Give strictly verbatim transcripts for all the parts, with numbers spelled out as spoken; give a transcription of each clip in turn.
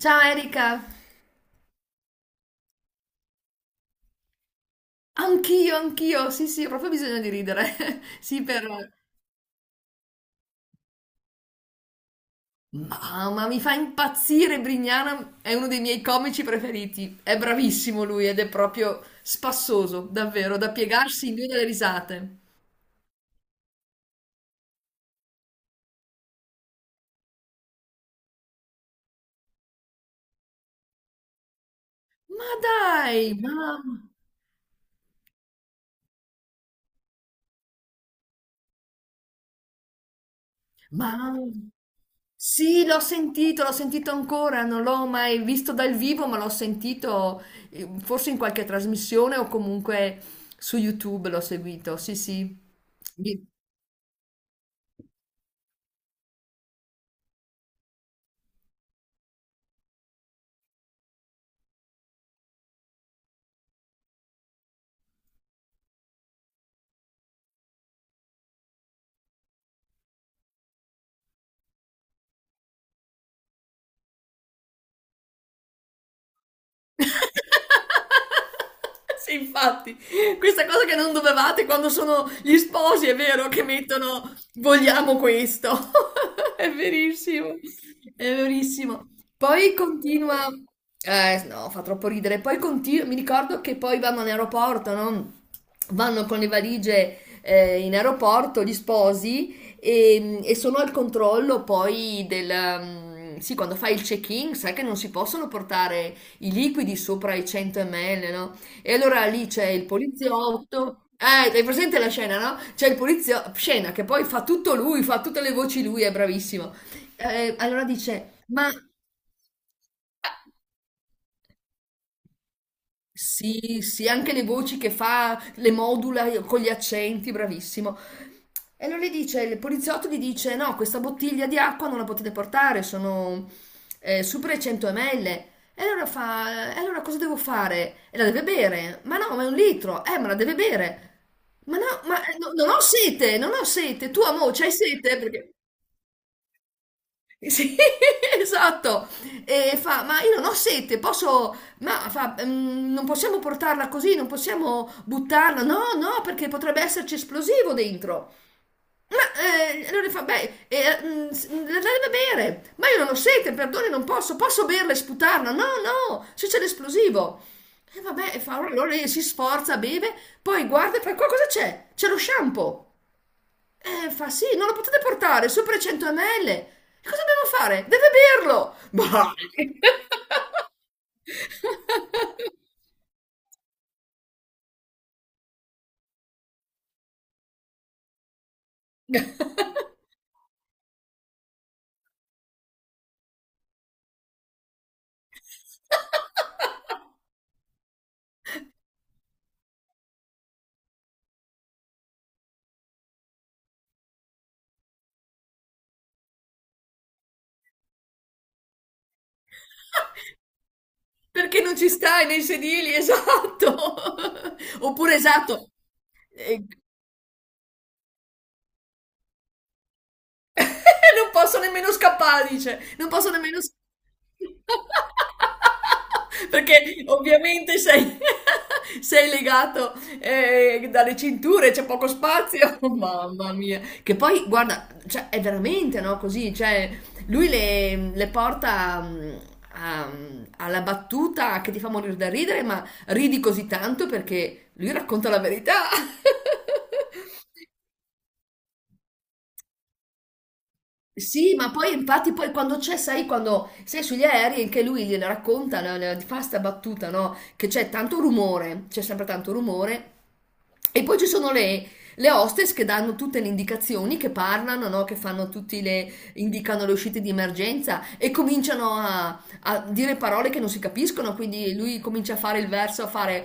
Ciao Erika, anch'io, anch'io, sì sì, ho proprio bisogno di ridere, sì per... Mamma, mi fa impazzire Brignana, è uno dei miei comici preferiti, è bravissimo lui ed è proprio spassoso, davvero, da piegarsi in due dalle risate. Ma dai, ma... ma... Sì, l'ho sentito, l'ho sentito ancora, non l'ho mai visto dal vivo, ma l'ho sentito eh, forse in qualche trasmissione o comunque su YouTube l'ho seguito, sì sì. Sì, infatti, questa cosa che non dovevate quando sono gli sposi, è vero che mettono vogliamo questo. È verissimo, è verissimo. Poi continua, eh no, fa troppo ridere. Poi continua, mi ricordo che poi vanno in aeroporto, no? Vanno con le valigie eh, in aeroporto gli sposi e, e sono al controllo poi del... mm, Sì, quando fai il check-in, sai che non si possono portare i liquidi sopra i cento millilitri, no? E allora lì c'è il poliziotto. Eh, hai presente la scena, no? C'è il poliziotto, scena che poi fa tutto lui, fa tutte le voci lui, è bravissimo. Eh, allora dice, ma sì, sì, anche le voci che fa, le modula con gli accenti, bravissimo. E allora gli dice, il poliziotto gli dice, no, questa bottiglia di acqua non la potete portare, sono eh, super cento millilitri. E allora fa, e allora cosa devo fare? E la deve bere. Ma no, ma è un litro. Eh, ma la deve bere. Ma no, ma eh, no- non ho sete, non ho sete. Tu, amore, c'hai sete? Perché... Sì, esatto. E fa, ma io non ho sete, posso... Ma fa, "Mm, non possiamo portarla così, non possiamo buttarla. No, no, perché potrebbe esserci esplosivo dentro. Ma eh, allora fa, beh, eh, mm, s- mm, la deve bere. Ma io non ho sete, perdoni, non posso. Posso berla e sputarla? No, no, se c'è l'esplosivo. E vabbè, e fa, allora lei si sforza, beve, poi guarda e fa, qua cosa c'è? C'è lo shampoo. Eh, fa sì, non lo potete portare, sopra i cento millilitri. E cosa dobbiamo fare? Deve berlo! Bah! Perché non ci stai nei sedili, esatto! Oppure esatto, ehm Non posso nemmeno scappare, dice. Non posso nemmeno s Perché ovviamente sei sei legato, ehm, dalle cinture, c'è poco spazio. Mamma mia. Che poi guarda, cioè è veramente, no, così, cioè lui le le porta, mhmm, a mhmm, alla battuta che ti fa morir da ridere, ma ridi così tanto perché lui racconta la verità. Sì, ma poi infatti poi quando c'è, sai, quando sei sugli aerei anche lui gliela racconta, la- la- fa sta battuta, no? Che c'è tanto rumore, c'è sempre tanto rumore. E poi ci sono le, le hostess che danno tutte le indicazioni, che parlano, no? Che fanno tutti le, indicano le uscite di emergenza e cominciano a a dire parole che non si capiscono, quindi lui comincia a fare il verso, a fare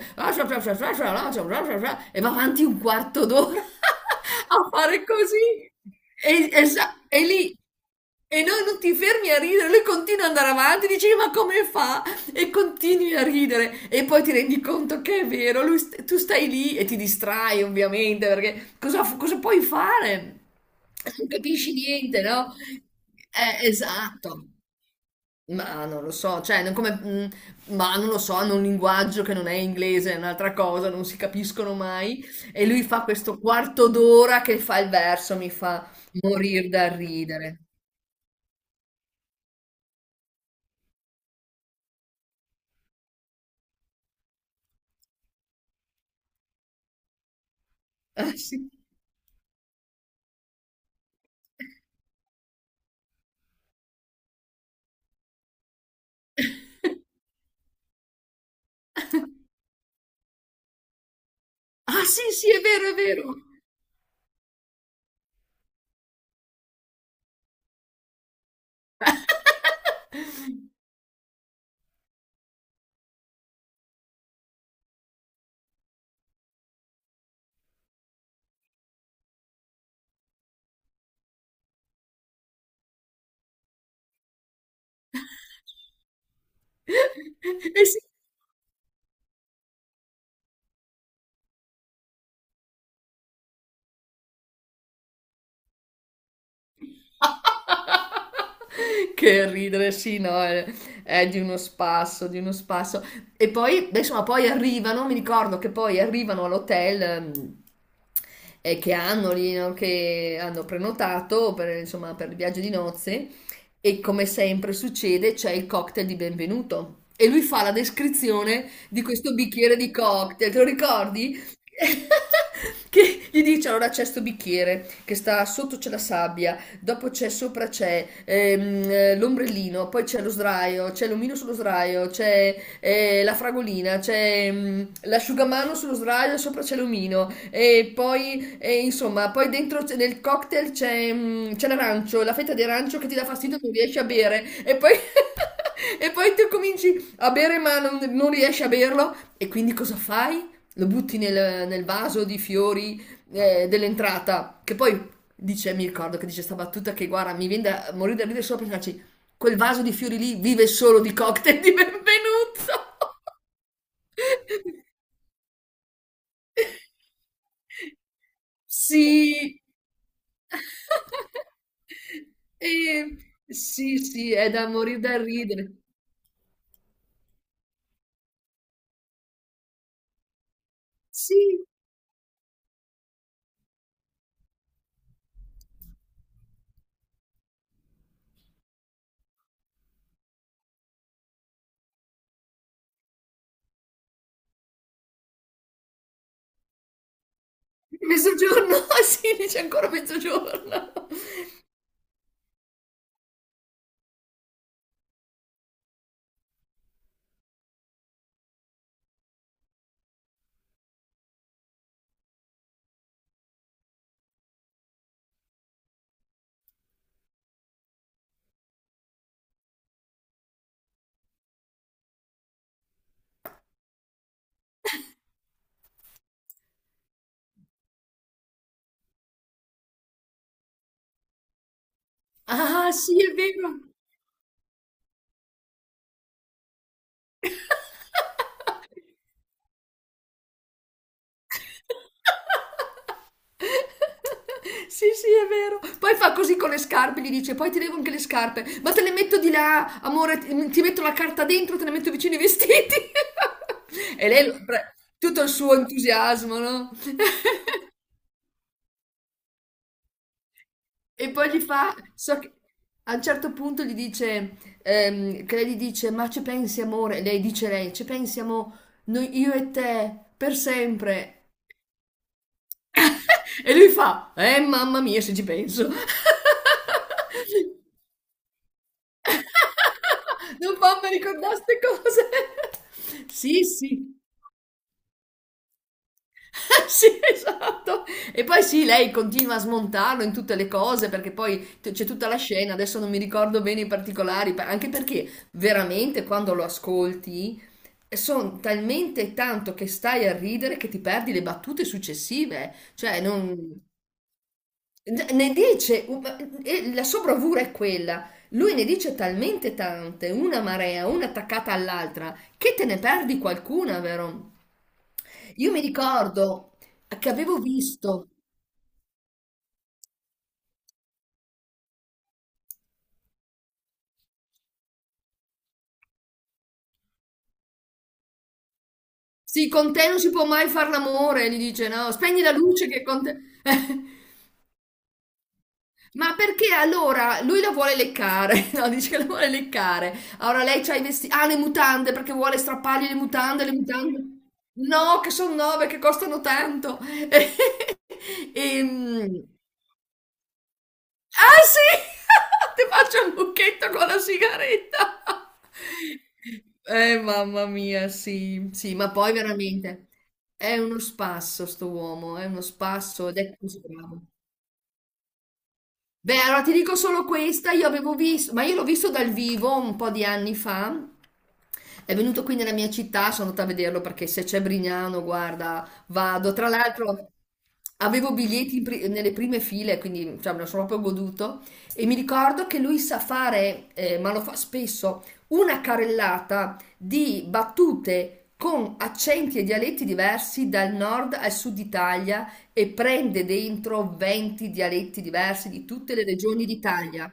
e va avanti un quarto d'ora a fare così. E, e sa- e lì e noi non ti fermi a ridere, lui continua ad andare avanti, dici ma come fa? E continui a ridere e poi ti rendi conto che è vero, lui st- tu stai lì e ti distrai ovviamente perché cosa, f- cosa puoi fare? Non capisci niente, no? Eh, esatto. Ma non lo so, cioè, non come, mhmm, ma non lo so, hanno un linguaggio che non è inglese, è un'altra cosa, non si capiscono mai. E lui fa questo quarto d'ora che fa il verso, mi fa morir dal ridere. Ah sì. Ah sì, sì, è vero, è vero. Eh sì. Che ridere, sì, no, è, è di uno spasso, di uno spasso. E poi, beh, insomma, poi arrivano, mi ricordo che poi arrivano all'hotel ehm, eh, che hanno lì, no, che hanno prenotato per, insomma, per il viaggio di nozze e come sempre succede c'è il cocktail di benvenuto e lui fa la descrizione di questo bicchiere di cocktail, te lo ricordi? Che gli dice allora c'è sto bicchiere che sta sotto c'è la sabbia dopo c'è sopra c'è ehm, eh, l'ombrellino, poi c'è lo sdraio, c'è l'omino sullo sdraio, c'è eh, la fragolina, c'è mm, l'asciugamano sullo sdraio, sopra c'è l'omino e poi e insomma, poi dentro c'è- nel cocktail c'è mm, c'è l'arancio, la fetta di arancio che ti dà fastidio, non riesci a bere e poi e poi tu cominci a bere ma non, non riesci a berlo e quindi cosa fai? Lo butti nel, nel vaso di fiori eh, dell'entrata, che poi dice, mi ricordo che dice sta battuta che guarda, mi viene da morire da ridere solo perché dice, quel vaso di fiori lì vive solo di cocktail di benvenuto. Sì. Ehm, sì, sì, è da morire da ridere. Sì, mezzogiorno, sì, dice ancora mezzogiorno. Ah, sì, è vero. Sì, sì, è vero. Poi fa così con le scarpe, gli dice, poi ti levo anche le scarpe, ma te le metto di là, amore, ti ti metto la carta dentro, te le metto vicino i vestiti. E lei, lo- pre- tutto il suo entusiasmo, no? E poi gli fa, so che a un certo punto gli dice, ehm, che lei gli dice, ma ci pensi amore? E lei dice lei, ci pensiamo noi, io e te, per sempre. E lui fa: Eh, mamma mia, se ci penso. Non fammi ricordare ste cose. Sì, sì. Sì, esatto. E poi sì, lei continua a smontarlo in tutte le cose perché poi t- c'è tutta la scena, adesso non mi ricordo bene i particolari, pa- anche perché veramente quando lo ascolti sono talmente tanto che stai a ridere che ti perdi le battute successive, eh. Cioè non... Ne dice, e la sua bravura è quella. Lui ne dice talmente tante, una marea, una attaccata all'altra, che te ne perdi qualcuna, vero? Io mi ricordo che avevo visto, sì, con te non si può mai far l'amore, gli dice, no, spegni la luce che con te... Ma perché allora lui la vuole leccare? No, dice che la vuole leccare. Allora lei c'ha i vestiti. Ah, le mutande perché vuole strappargli le mutande, le mutande. No, che sono nove, che costano tanto. Ehm, Ah sì! Ti faccio un lucchetto con la sigaretta. Eh, mamma mia, sì, sì, ma poi veramente è uno spasso sto uomo, è uno spasso ed è così bravo. Beh, allora ti dico solo questa, io avevo visto, ma io l'ho visto dal vivo un po' di anni fa. È venuto qui nella mia città, sono andata a vederlo perché se c'è Brignano, guarda, vado. Tra l'altro avevo biglietti in pri- nelle prime file, quindi cioè, me lo sono proprio goduto. E mi ricordo che lui sa fare, eh, ma lo fa spesso, una carrellata di battute con accenti e dialetti diversi dal nord al sud Italia e prende dentro venti dialetti diversi di tutte le regioni d'Italia.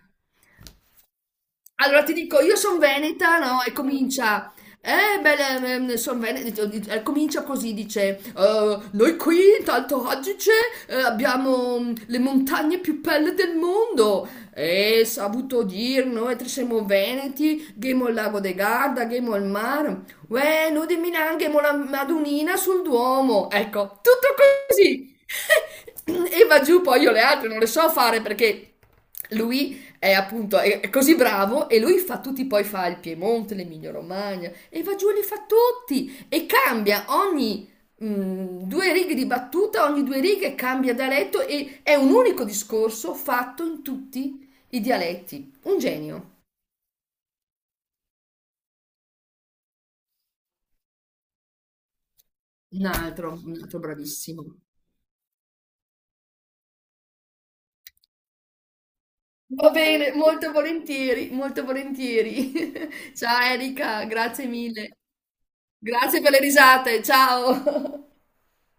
Allora ti dico, io sono veneta, no? E comincia. Eh, beh, sono veneta. eh, Comincia così, dice: "Eh, noi qui, in Alto Adige, eh, abbiamo mm, le montagne più belle del mondo. E saputo dir, noi tre siamo veneti, ghemo il lago de Garda, ghemo il mare. Uè, noi di Milano, ghemo la Madonnina sul Duomo. Ecco, tutto così. E va giù, poi io le altre non le so fare perché lui è appunto, è è così bravo e lui fa tutti, poi fa il Piemonte, l'Emilia Romagna e va giù e li fa tutti e cambia ogni mm, due righe di battuta, ogni due righe cambia dialetto e è un unico discorso fatto in tutti i dialetti. Un genio, un altro, un altro bravissimo. Va bene, molto volentieri, molto volentieri. Ciao Erika, grazie mille. Grazie per le risate, ciao.